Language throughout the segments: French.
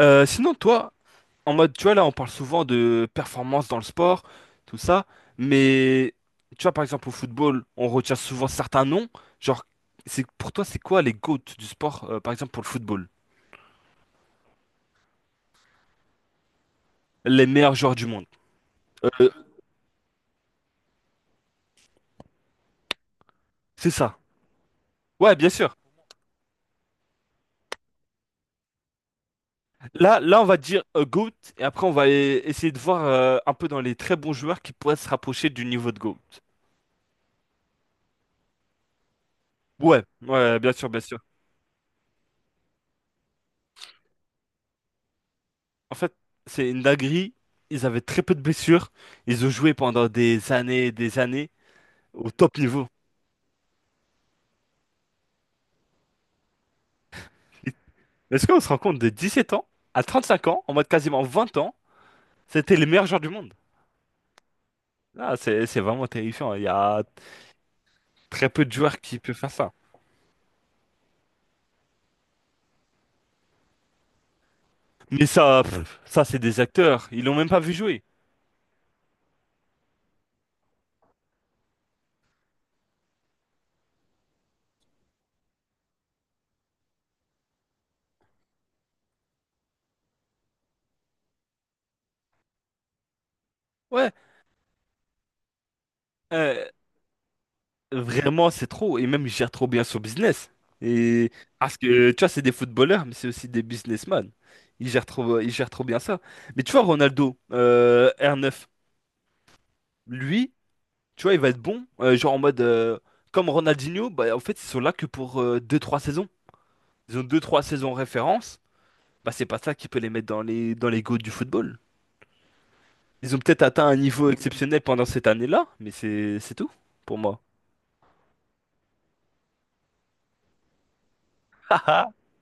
Sinon, toi, en mode, tu vois, là, on parle souvent de performance dans le sport, tout ça, mais tu vois, par exemple, au football, on retient souvent certains noms. Genre, c'est pour toi, c'est quoi les GOAT du sport, par exemple, pour le football? Les meilleurs joueurs du monde. Euh, c'est ça. Ouais, bien sûr. Là, on va dire GOAT, et après, on va essayer de voir un peu dans les très bons joueurs qui pourraient se rapprocher du niveau de GOAT. Ouais, ouais, bien sûr, bien sûr. En fait, c'est une dinguerie. Ils avaient très peu de blessures. Ils ont joué pendant des années et des années au top niveau. Est-ce qu'on se rend compte de 17 ans à 35 ans, en mode quasiment 20 ans, c'était les meilleurs joueurs du monde? Ah, c'est vraiment terrifiant. Il y a très peu de joueurs qui peuvent faire ça. Mais ça, pff, ça c'est des acteurs. Ils l'ont même pas vu jouer. Ouais. euh, Vraiment, c'est trop. Et même, il gère trop bien son business. Et parce que, tu vois, c'est des footballeurs, mais c'est aussi des businessmen. Il gère trop bien ça. Mais tu vois, Ronaldo, R9, lui, tu vois, il va être bon. Genre en mode, comme Ronaldinho, bah, en fait, ils sont là que pour deux trois saisons. Ils ont deux trois saisons en référence. Bah, c'est pas ça qui peut les mettre dans les goûts du football. Ils ont peut-être atteint un niveau exceptionnel pendant cette année-là, mais c'est tout pour moi.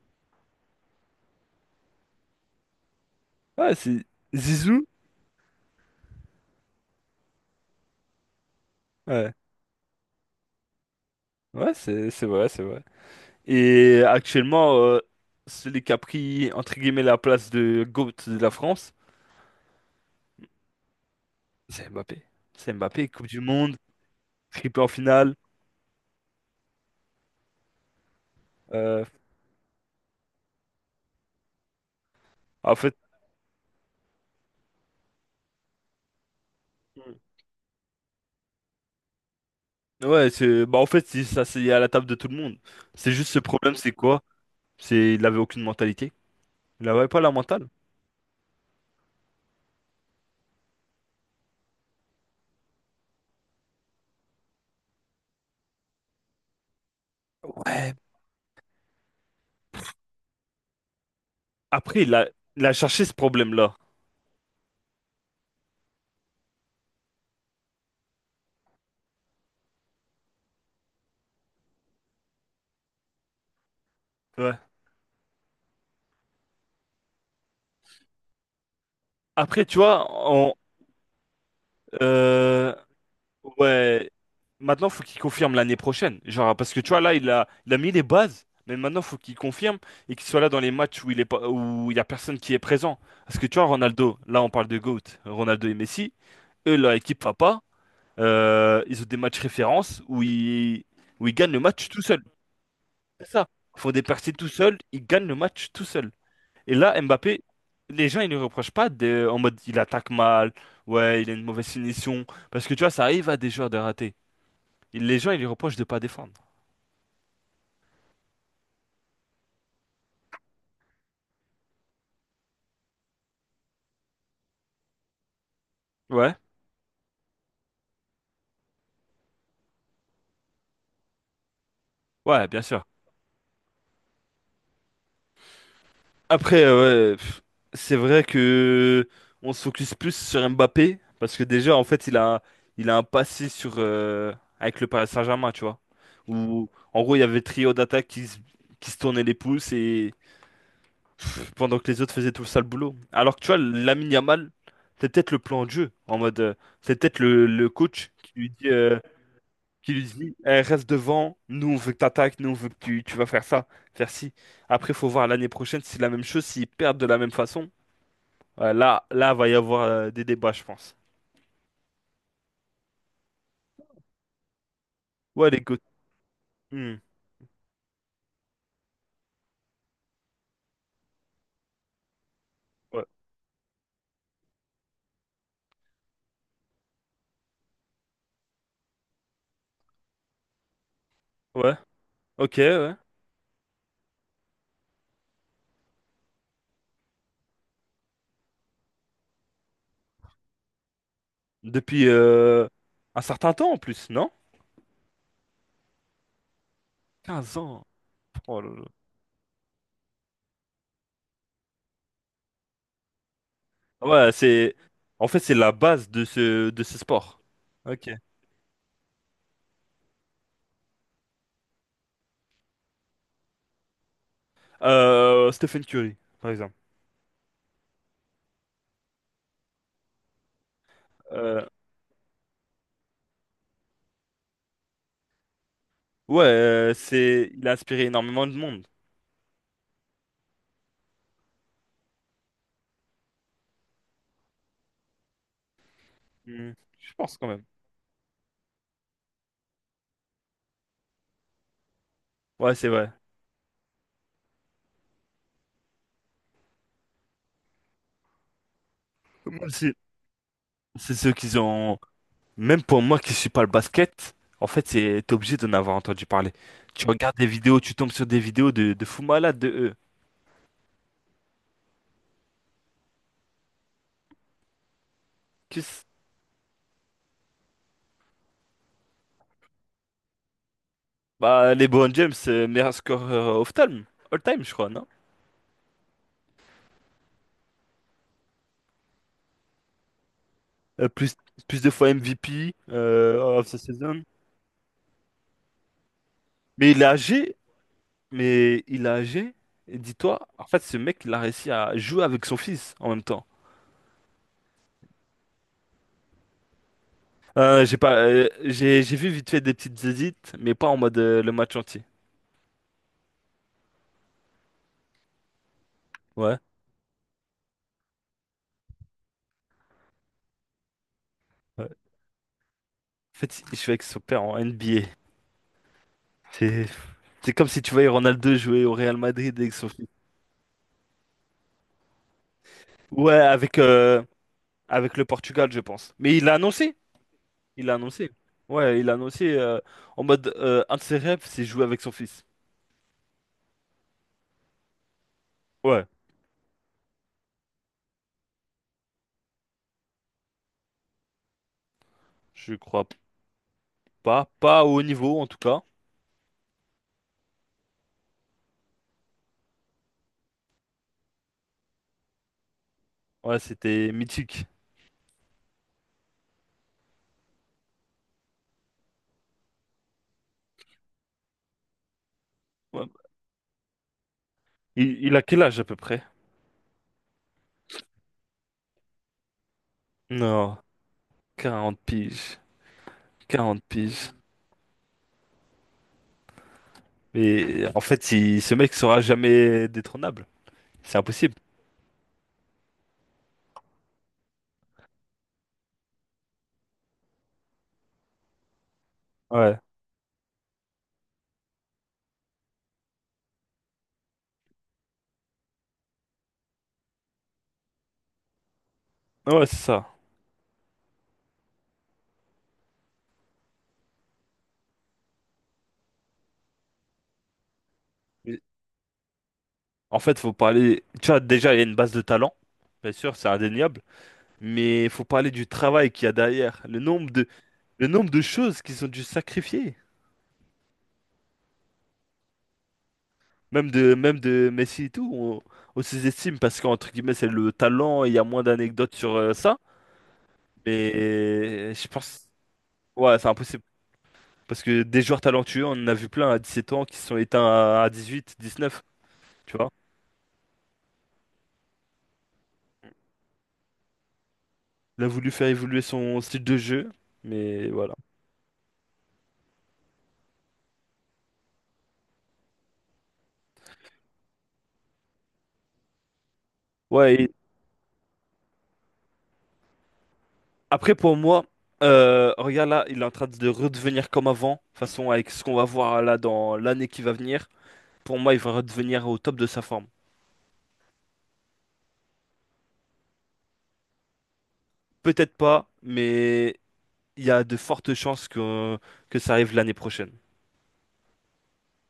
Ouais, c'est Zizou. Ouais. Ouais, c'est vrai, c'est vrai. Et actuellement, celui qui a pris, entre guillemets, la place de GOAT de la France, c'est Mbappé. C'est Mbappé, Coupe du Monde, triplé en finale. Euh, En fait, ouais, c'est, bah, en fait, ça, c'est à la table de tout le monde. C'est juste ce problème, c'est quoi? C'est, il avait aucune mentalité. Il avait pas la mentale. Ouais. Après, il a cherché ce problème-là. Ouais. Après, tu vois, on, euh, Ouais. Maintenant, faut qu'il confirme l'année prochaine. Genre, parce que tu vois, là, il a mis les bases, mais maintenant, faut qu'il confirme et qu'il soit là dans les matchs où il est pas, où il y a personne qui est présent. Parce que tu vois, Ronaldo, là, on parle de GOAT, Ronaldo et Messi, eux, leur équipe va pas. Ils ont des matchs références où ils gagnent le match tout seul. C'est ça. Ils font des percées tout seuls, ils gagnent le match tout seul. Et là, Mbappé, les gens, ils ne reprochent pas de, en mode, il attaque mal, ouais, il a une mauvaise finition. Parce que tu vois, ça arrive à des joueurs de rater. Les gens, ils lui reprochent de pas défendre. Ouais, ouais, bien sûr. Après, ouais, pff, c'est vrai que on se focus plus sur Mbappé parce que déjà, en fait, il a un passé sur avec le Paris Saint-Germain, tu vois. Où, en gros, il y avait le trio d'attaque qui se tournait les pouces et pff, pendant que les autres faisaient tout le sale boulot. Alors que tu vois, Lamine Yamal, c'est peut-être le plan de jeu en mode, c'est peut-être le coach qui lui dit, Eh, reste devant, nous on veut que t'attaques, nous on veut que tu vas faire ça, faire ci. Après, faut voir l'année prochaine si c'est la même chose, s'ils perdent de la même façon. Ouais, là, va y avoir des débats, je pense. Ouais, Hmm. Ouais, ouais, ok, ouais. Depuis un certain temps en plus, non? 15 ans. Oh là là. Ah, ouais, c'est. En fait, c'est la base de ce sport. Ok. Stephen Curry, par exemple. Euh, ouais, c'est. Il a inspiré énormément de monde. Hmm, Je pense quand même. Ouais, c'est vrai. Moi aussi, c'est ceux qui ont. Même pour moi qui suis pas le basket, en fait, c'est t'es obligé d'en avoir entendu parler. Tu regardes des vidéos, tu tombes sur des vidéos de fous malades de eux. Qu'est-ce- Bah, LeBron James, meilleur scoreur of time, all time, je crois, non? Euh, plus, plus de fois MVP of the season. Mais il est âgé, mais il est âgé. Et dis-toi, en fait, ce mec, il a réussi à jouer avec son fils en même temps. J'ai pas, j'ai vu vite fait des petites édits, mais pas en mode le match entier. Ouais. Ouais. En fait, il joue avec son père en NBA. C'est c'est comme si tu voyais Ronaldo jouer au Real Madrid avec son fils. Ouais, avec le Portugal, je pense. Mais il l'a annoncé. Il l'a annoncé. Ouais, il l'a annoncé en mode un de ses rêves, c'est jouer avec son fils. Ouais, je crois pas. Pas au haut niveau, en tout cas. Ouais, c'était mythique. Ouais. Il a quel âge à peu près? Non, 40 piges. 40 piges. Mais en fait, ce mec sera jamais détrônable. C'est impossible. Ouais. Ouais, ouais, c'est ça. Mais en fait, faut parler. Tu vois, déjà, il y a une base de talent, bien sûr, c'est indéniable, mais il faut parler du travail qu'il y a derrière, le nombre de choses qu'ils ont dû sacrifier, même de Messi et tout, on sous-estime parce qu'entre guillemets, c'est le talent et il y a moins d'anecdotes sur ça, mais je pense, ouais, c'est impossible parce que des joueurs talentueux, on en a vu plein à 17 ans qui se sont éteints à 18, 19, tu vois. Il a voulu faire évoluer son style de jeu, mais voilà. Ouais, après, pour moi, regarde là, il est en train de redevenir comme avant. De toute façon, avec ce qu'on va voir là dans l'année qui va venir, pour moi, il va redevenir au top de sa forme. Peut-être pas, mais il y a de fortes chances que ça arrive l'année prochaine.